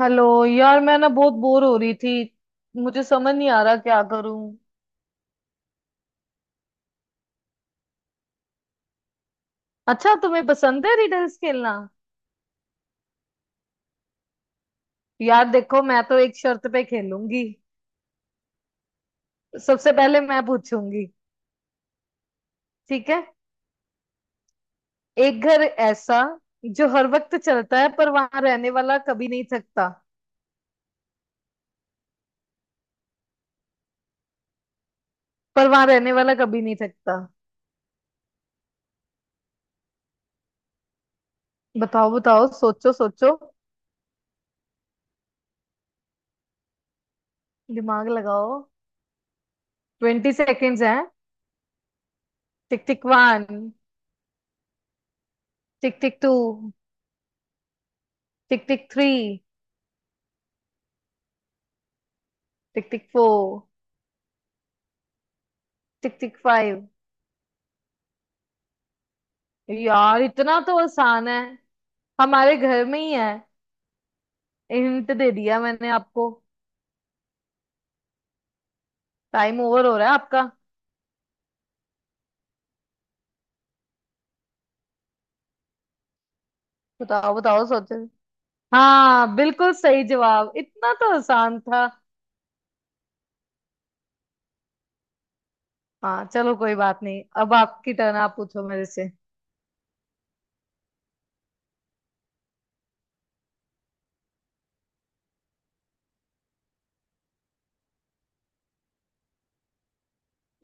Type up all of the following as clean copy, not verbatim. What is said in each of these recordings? Hello यार। मैं ना बहुत बोर हो रही थी। मुझे समझ नहीं आ रहा क्या करूं। अच्छा, तुम्हें पसंद है रिडल्स खेलना? यार देखो, मैं तो एक शर्त पे खेलूंगी। सबसे पहले मैं पूछूंगी। ठीक है। एक घर ऐसा जो हर वक्त चलता है पर वहां रहने वाला कभी नहीं थकता। पर वहां रहने वाला कभी नहीं थकता। बताओ बताओ, सोचो सोचो। दिमाग लगाओ। 20 सेकेंड्स हैं। टिक टिक 1। टिक टिक 2। टिक टिक 3। टिक टिक 4। टिक टिक 5। यार इतना तो आसान है। हमारे घर में ही है। हिंट दे दिया मैंने आपको। टाइम ओवर हो रहा है आपका। बताओ बताओ, सोचो। हाँ, बिल्कुल सही जवाब। इतना तो आसान था। हाँ चलो कोई बात नहीं। अब आपकी टर्न, आप पूछो मेरे से।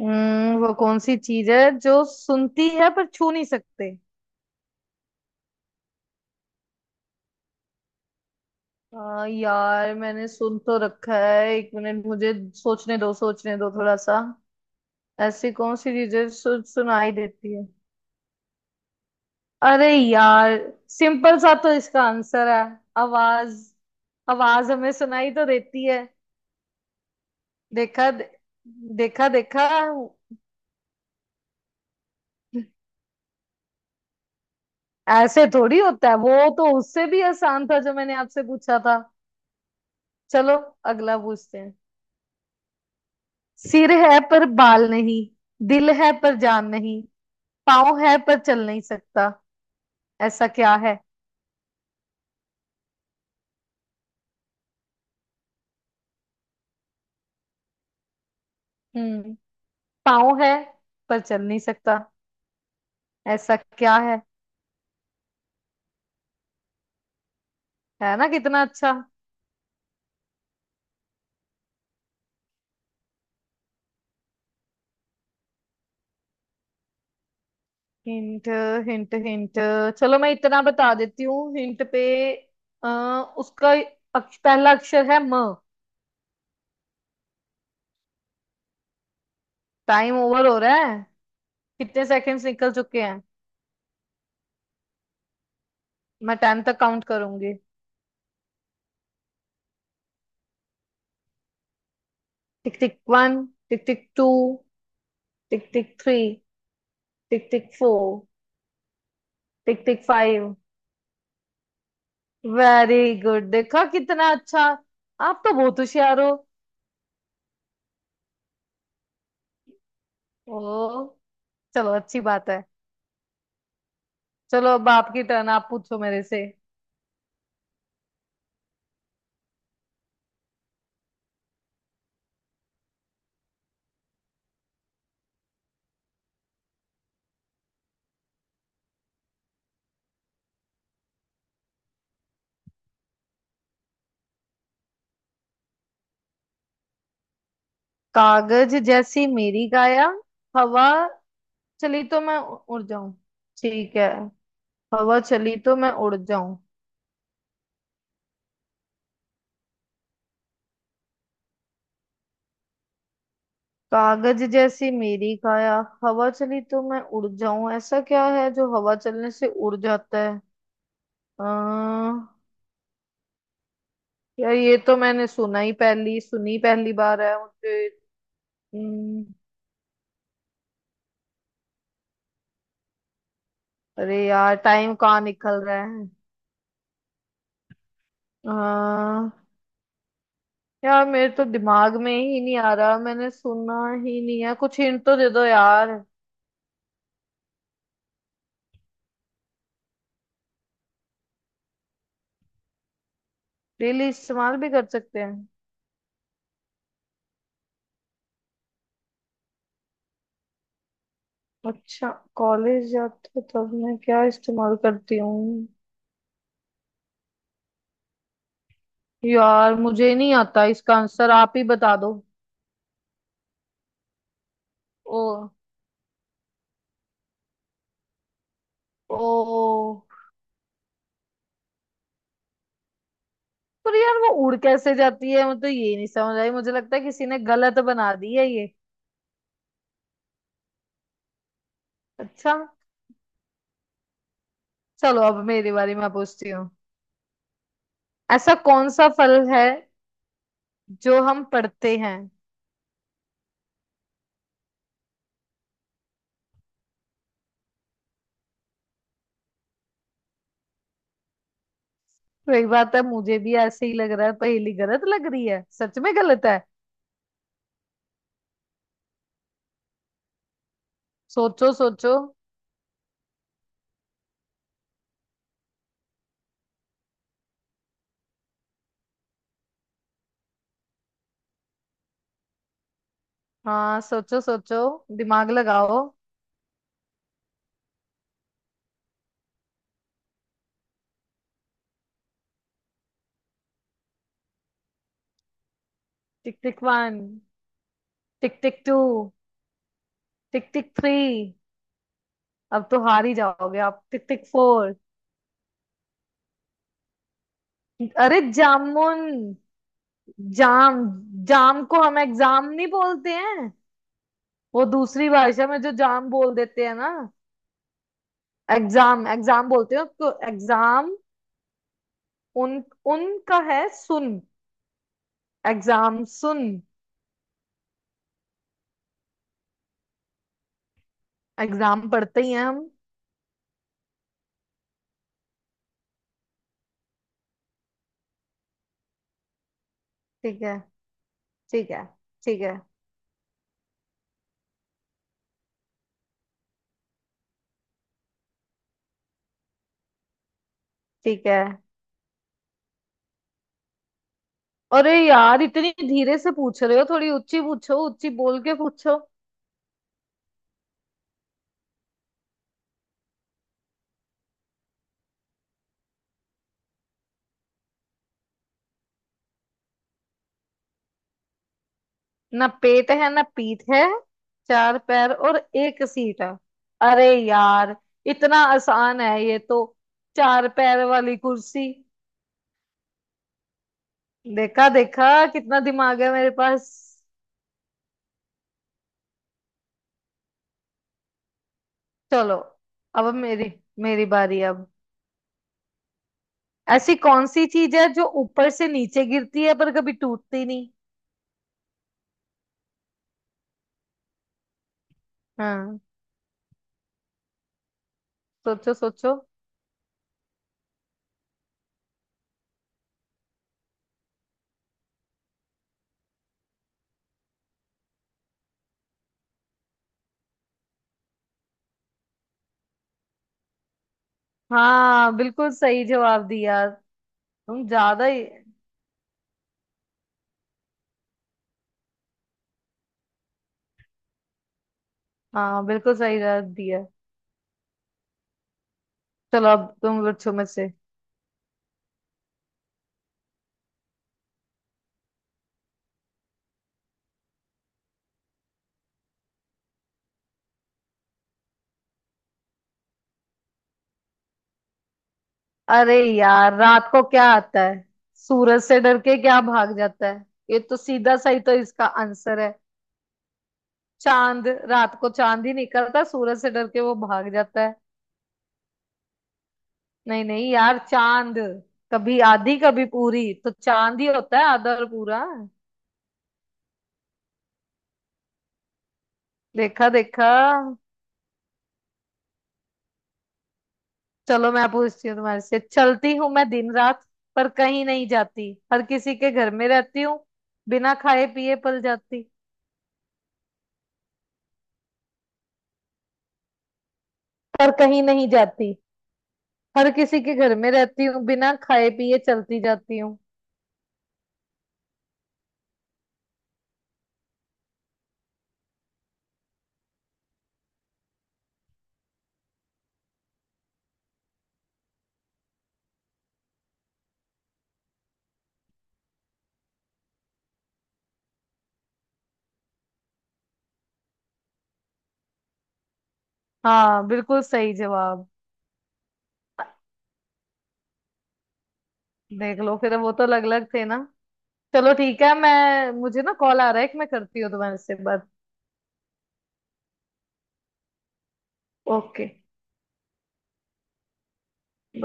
हम्म, वो कौन सी चीज है जो सुनती है पर छू नहीं सकते? यार मैंने सुन तो रखा है। 1 मिनट, मुझे सोचने दो, सोचने दो थोड़ा सा। ऐसी कौन सी चीज है सुनाई देती है? अरे यार, सिंपल सा तो इसका आंसर है। आवाज। आवाज हमें सुनाई तो देती है। देखा, देखा देखा। ऐसे थोड़ी होता है। वो तो उससे भी आसान था जो मैंने आपसे पूछा था। चलो अगला पूछते हैं। सिर है पर बाल नहीं, दिल है पर जान नहीं, पाँव है पर चल नहीं सकता। ऐसा क्या है? हम्म। पाँव है पर चल नहीं सकता। ऐसा क्या है? है ना कितना अच्छा। Hint, hint hint. चलो मैं इतना बता देती हूँ हिंट पे। उसका पहला अक्षर है म। टाइम ओवर हो रहा है। कितने सेकंड्स निकल चुके हैं? मैं टाइम तक काउंट करूंगी। Tick tick one. Tick tick two. Tick tick three. Tick tick four. Tick tick five. Very good. देखा कितना अच्छा। आप तो बहुत होशियार हो। ओ, चलो अच्छी बात है। चलो अब आपकी टर्न, आप पूछो मेरे से। कागज जैसी मेरी काया, हवा चली तो मैं उड़ जाऊं। ठीक है। हवा चली तो मैं उड़ जाऊं। कागज जैसी मेरी काया, हवा चली तो मैं उड़ जाऊं। ऐसा क्या है जो हवा चलने से उड़ जाता है? अः यार, ये तो मैंने सुना ही। पहली सुनी, पहली बार है मुझे। अम्म, अरे यार टाइम कहाँ निकल रहा है। अः यार, मेरे तो दिमाग में ही नहीं आ रहा। मैंने सुना ही नहीं है। कुछ हिंट तो दे दो यार। डेली इस्तेमाल भी कर सकते हैं? अच्छा, कॉलेज जाते तब मैं क्या इस्तेमाल करती हूँ? यार मुझे नहीं आता इसका आंसर, आप ही बता दो। ओ ओ, पर यार वो उड़ कैसे जाती है? मुझे तो ये नहीं समझ आई। मुझे लगता है किसी ने गलत बना दी है ये। अच्छा। चलो अब मेरी बारी, मैं पूछती हूँ। ऐसा कौन सा फल है जो हम पढ़ते हैं? तो एक बात है, मुझे भी ऐसे ही लग रहा है, पहेली गलत लग रही है, सच में गलत है। सोचो सोचो। हाँ, सोचो सोचो। दिमाग लगाओ। Tick tick one. Tick tick two. Tick tick three. अब तो हार ही जाओगे आप। टिक टिक 4। अरे, जामुन। जाम। जाम को हम एग्जाम नहीं बोलते हैं? वो दूसरी भाषा में जो जाम बोल देते हैं ना। एग्जाम, एग्जाम बोलते हैं उसको। एग्जाम। उन, उनका है सुन। एग्जाम सुन। एग्जाम पढ़ते ही हैं हम। ठीक है। ठीक है। ठीक है। ठीक है। अरे यार, इतनी धीरे से पूछ रहे हो। थोड़ी ऊंची पूछो, ऊंची बोल के पूछो। ना पेट है ना पीठ है, 4 पैर और एक सीट है। अरे यार, इतना आसान है ये तो। चार पैर वाली कुर्सी। देखा देखा, कितना दिमाग है मेरे पास। चलो अब मेरी मेरी बारी अब। ऐसी कौन सी चीज है जो ऊपर से नीचे गिरती है पर कभी टूटती नहीं? हाँ, सोचो सोचो। हाँ, बिल्कुल सही जवाब दिया। तुम ज्यादा ही। हाँ, बिल्कुल सही जवाब दिया। चलो अब तुम पूछो मुझसे। अरे यार, रात को क्या आता है? सूरज से डर के क्या भाग जाता है? ये तो सीधा, सही तो इसका आंसर है। चांद। रात को चांद ही निकलता है, सूरज से डर के वो भाग जाता है। नहीं नहीं यार, चांद। कभी आधी कभी पूरी तो चांद ही होता है, आधा और पूरा। देखा देखा। चलो मैं पूछती हूँ तुम्हारे से। चलती हूँ मैं दिन रात, पर कहीं नहीं जाती, हर किसी के घर में रहती हूँ, बिना खाए पिए पल जाती। पर कहीं नहीं जाती, हर किसी के घर में रहती हूँ, बिना खाए पिए चलती जाती हूँ। हाँ, बिल्कुल सही जवाब। देख लो फिर, वो तो अलग अलग थे ना। चलो ठीक है, मैं मुझे ना कॉल आ रहा है। कि मैं करती हूँ तुम्हारे से बात। ओके।